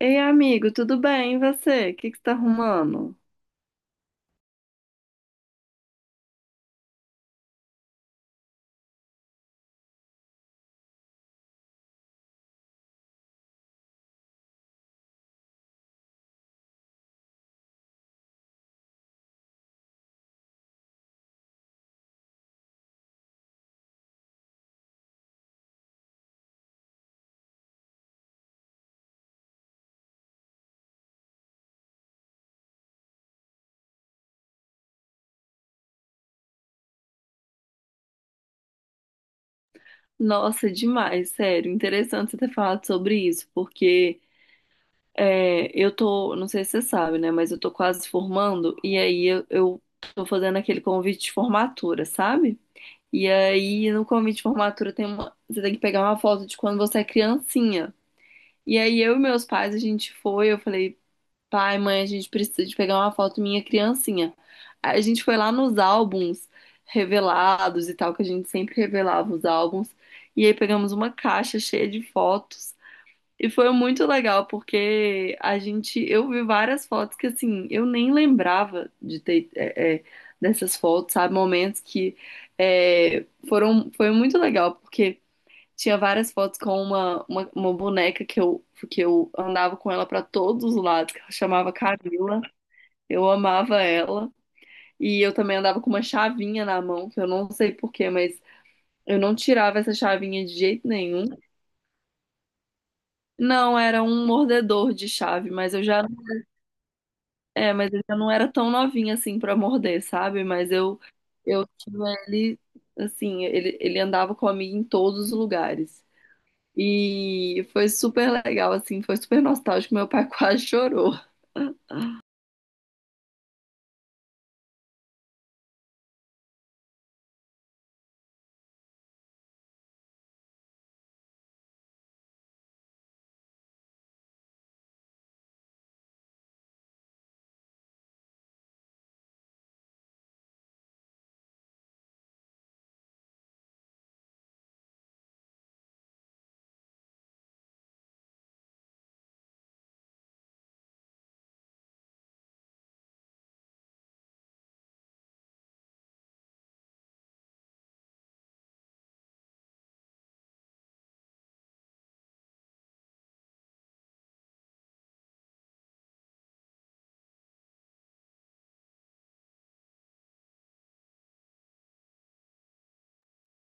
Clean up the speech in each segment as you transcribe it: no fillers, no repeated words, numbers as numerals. Ei, amigo, tudo bem? E você? O que que você tá arrumando? Nossa, demais, sério. Interessante você ter falado sobre isso, porque eu tô, não sei se você sabe, né? Mas eu tô quase formando, e aí eu tô fazendo aquele convite de formatura, sabe? E aí no convite de formatura tem você tem que pegar uma foto de quando você é criancinha. E aí eu e meus pais, a gente foi, eu falei. Pai, mãe, a gente precisa de pegar uma foto minha criancinha. Aí a gente foi lá nos álbuns revelados e tal, que a gente sempre revelava os álbuns. E aí pegamos uma caixa cheia de fotos. E foi muito legal, porque a gente, eu vi várias fotos que assim, eu nem lembrava de ter dessas fotos, sabe? Momentos que foi muito legal, porque tinha várias fotos com uma boneca que eu andava com ela para todos os lados, que ela chamava Camila. Eu amava ela. E eu também andava com uma chavinha na mão, que eu não sei por quê, mas eu não tirava essa chavinha de jeito nenhum. Não, era um mordedor de chave, mas mas eu já não era tão novinha assim para morder, sabe? Mas eu tinha ele assim, ele andava comigo em todos os lugares. E foi super legal, assim, foi super nostálgico. Meu pai quase chorou.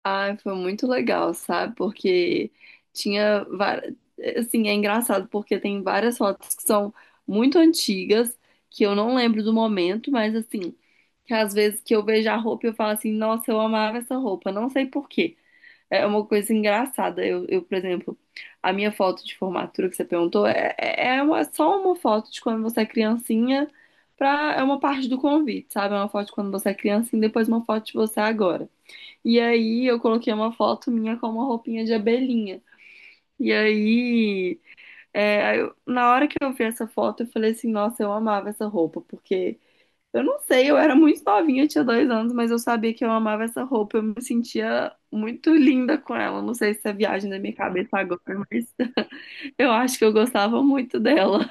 Ai, foi muito legal, sabe? Porque tinha, va- assim, é engraçado porque tem várias fotos que são muito antigas, que eu não lembro do momento, mas assim, que às vezes que eu vejo a roupa e eu falo assim, nossa, eu amava essa roupa, não sei por quê. É uma coisa engraçada. Por exemplo, a minha foto de formatura que você perguntou é uma, só uma foto de quando você é criancinha pra, é uma parte do convite, sabe? É uma foto de quando você é criancinha e depois uma foto de você agora. E aí eu coloquei uma foto minha com uma roupinha de abelhinha. E aí, aí na hora que eu vi essa foto, eu falei assim, nossa, eu amava essa roupa, porque eu não sei, eu era muito novinha, tinha 2 anos, mas eu sabia que eu amava essa roupa. Eu me sentia muito linda com ela. Não sei se é viagem da minha cabeça agora, mas eu acho que eu gostava muito dela.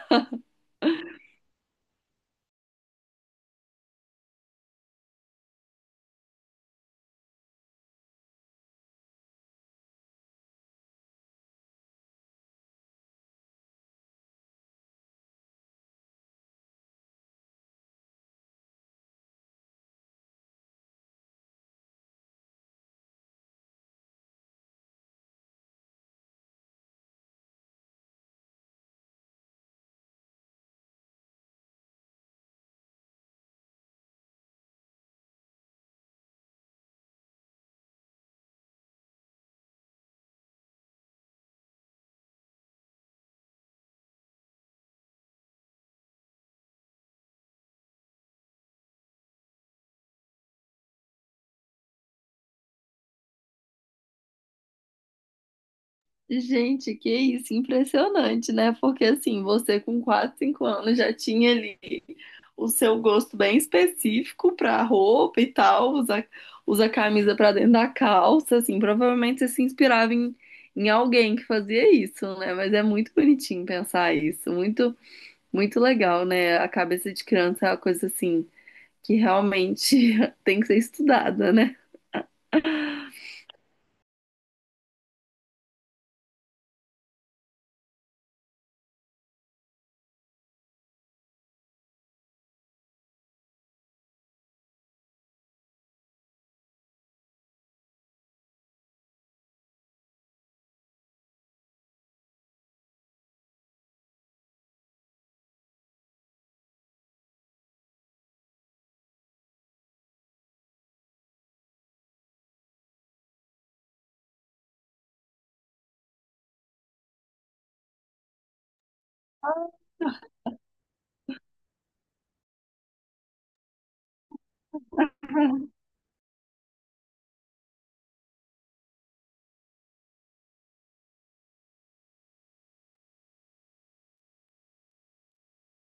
Gente, que isso, impressionante, né? Porque assim, você com 4, 5 anos já tinha ali o seu gosto bem específico pra roupa e tal, usa camisa pra dentro da calça, assim, provavelmente você se inspirava em alguém que fazia isso, né? Mas é muito bonitinho pensar isso, muito legal, né? A cabeça de criança é uma coisa assim que realmente tem que ser estudada, né?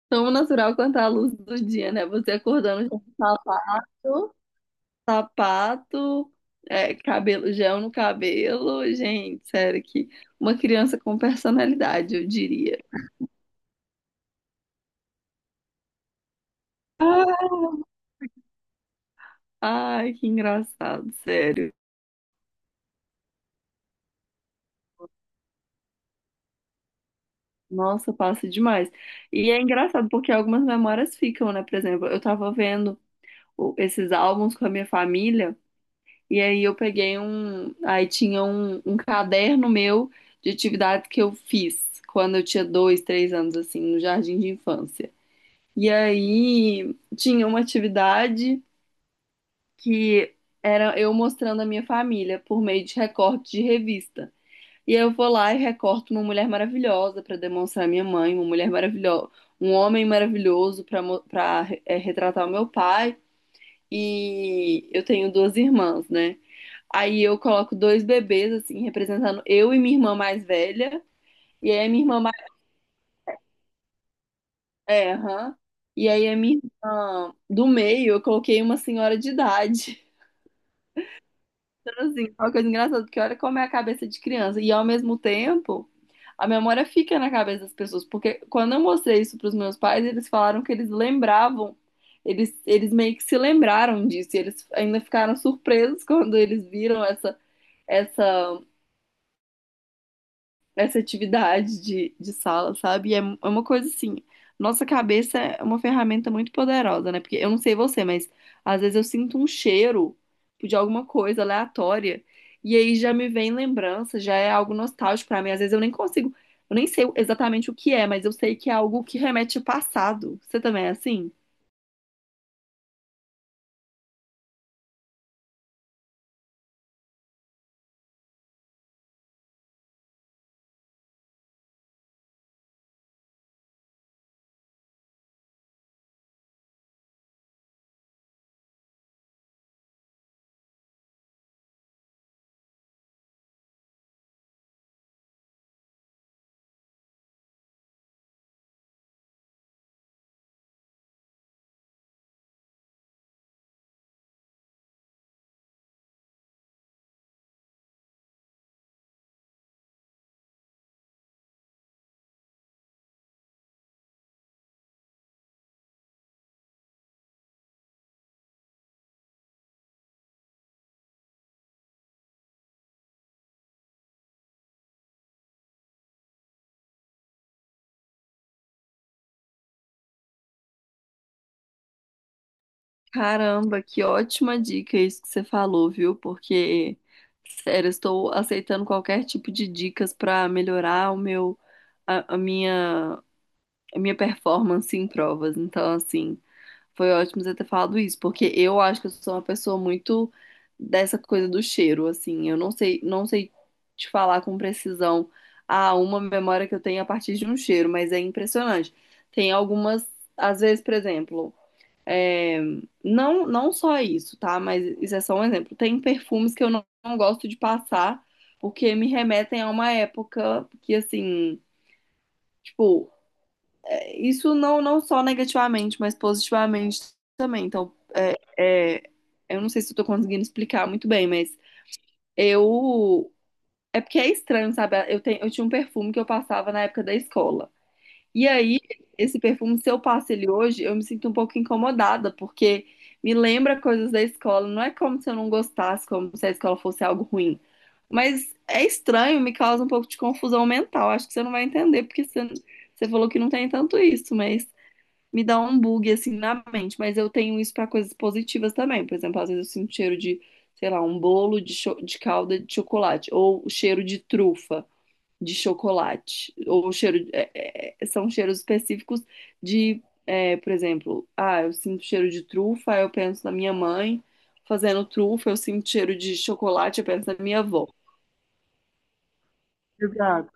Tão natural quanto a luz do dia, né? Você acordando com sapato, cabelo, gel no cabelo. Gente, sério que uma criança com personalidade, eu diria. Ah, Ai, que engraçado, sério. Nossa, passa demais. E é engraçado porque algumas memórias ficam, né? Por exemplo, eu tava vendo esses álbuns com a minha família. E aí eu peguei um. Aí tinha um caderno meu de atividade que eu fiz quando eu tinha dois, três anos, assim, no jardim de infância. E aí tinha uma atividade que era eu mostrando a minha família por meio de recorte de revista. E aí eu vou lá e recorto uma mulher maravilhosa para demonstrar a minha mãe, uma mulher maravilhosa, um homem maravilhoso para retratar o meu pai. E eu tenho duas irmãs, né? Aí eu coloco dois bebês, assim, representando eu e minha irmã mais velha. E aí a minha irmã mais. É, aham. E aí a minha irmã do meio, eu coloquei uma senhora de idade. Então, assim, é uma coisa engraçada, porque olha como é a cabeça de criança. E ao mesmo tempo, a memória fica na cabeça das pessoas. Porque quando eu mostrei isso para os meus pais, eles falaram que eles lembravam. Eles meio que se lembraram disso. E eles ainda ficaram surpresos quando eles viram essa essa atividade de sala, sabe? É uma coisa assim, nossa cabeça é uma ferramenta muito poderosa, né? Porque eu não sei você, mas às vezes eu sinto um cheiro de alguma coisa aleatória e aí já me vem lembrança, já é algo nostálgico pra mim. Às vezes eu nem consigo, eu nem sei exatamente o que é, mas eu sei que é algo que remete ao passado. Você também é assim? Caramba, que ótima dica isso que você falou, viu? Porque, sério, eu estou aceitando qualquer tipo de dicas para melhorar o meu, a, a minha, a minha performance em provas. Então, assim, foi ótimo você ter falado isso, porque eu acho que eu sou uma pessoa muito dessa coisa do cheiro, assim. Eu não sei, não sei te falar com precisão a uma memória que eu tenho a partir de um cheiro, mas é impressionante. Tem algumas, às vezes, por exemplo. Não, não só isso, tá? Mas isso é só um exemplo. Tem perfumes que eu não gosto de passar porque me remetem a uma época que, assim, tipo, isso não só negativamente, mas positivamente também. Então, é, é, eu não sei se eu tô conseguindo explicar muito bem, mas eu. É porque é estranho, sabe? Eu tinha um perfume que eu passava na época da escola. E aí, esse perfume, se eu passo ele hoje, eu me sinto um pouco incomodada, porque me lembra coisas da escola. Não é como se eu não gostasse, como se a escola fosse algo ruim. Mas é estranho, me causa um pouco de confusão mental. Acho que você não vai entender, porque você falou que não tem tanto isso, mas me dá um bug assim na mente. Mas eu tenho isso para coisas positivas também. Por exemplo, às vezes eu sinto cheiro de, sei lá, um bolo de calda de chocolate, ou o cheiro de trufa de chocolate. Ou cheiro, são cheiros específicos por exemplo, ah, eu sinto cheiro de trufa, aí eu penso na minha mãe fazendo trufa, eu sinto cheiro de chocolate, eu penso na minha avó. Exato.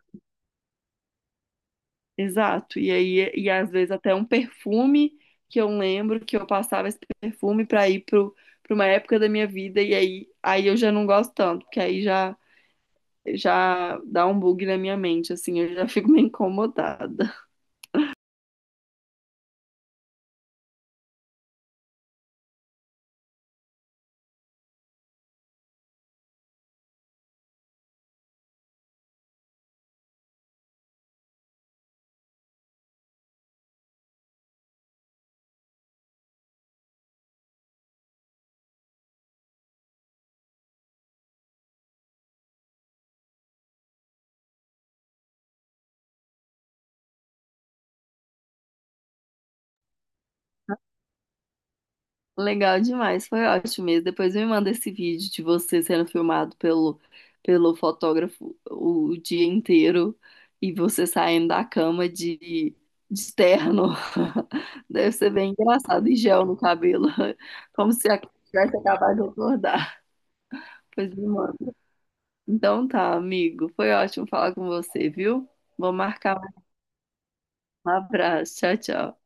Exato. E aí, e às vezes até um perfume que eu lembro que eu passava esse perfume para ir para uma época da minha vida aí eu já não gosto tanto, porque aí já dá um bug na minha mente, assim, eu já fico meio incomodada. Legal demais, foi ótimo mesmo. Depois me manda esse vídeo de você sendo filmado pelo fotógrafo o dia inteiro e você saindo da cama de terno. Deve ser bem engraçado, e gel no cabelo, como se tivesse acabado de acordar. Pois me manda. Então tá, amigo, foi ótimo falar com você, viu? Vou marcar mais um abraço. Tchau, tchau.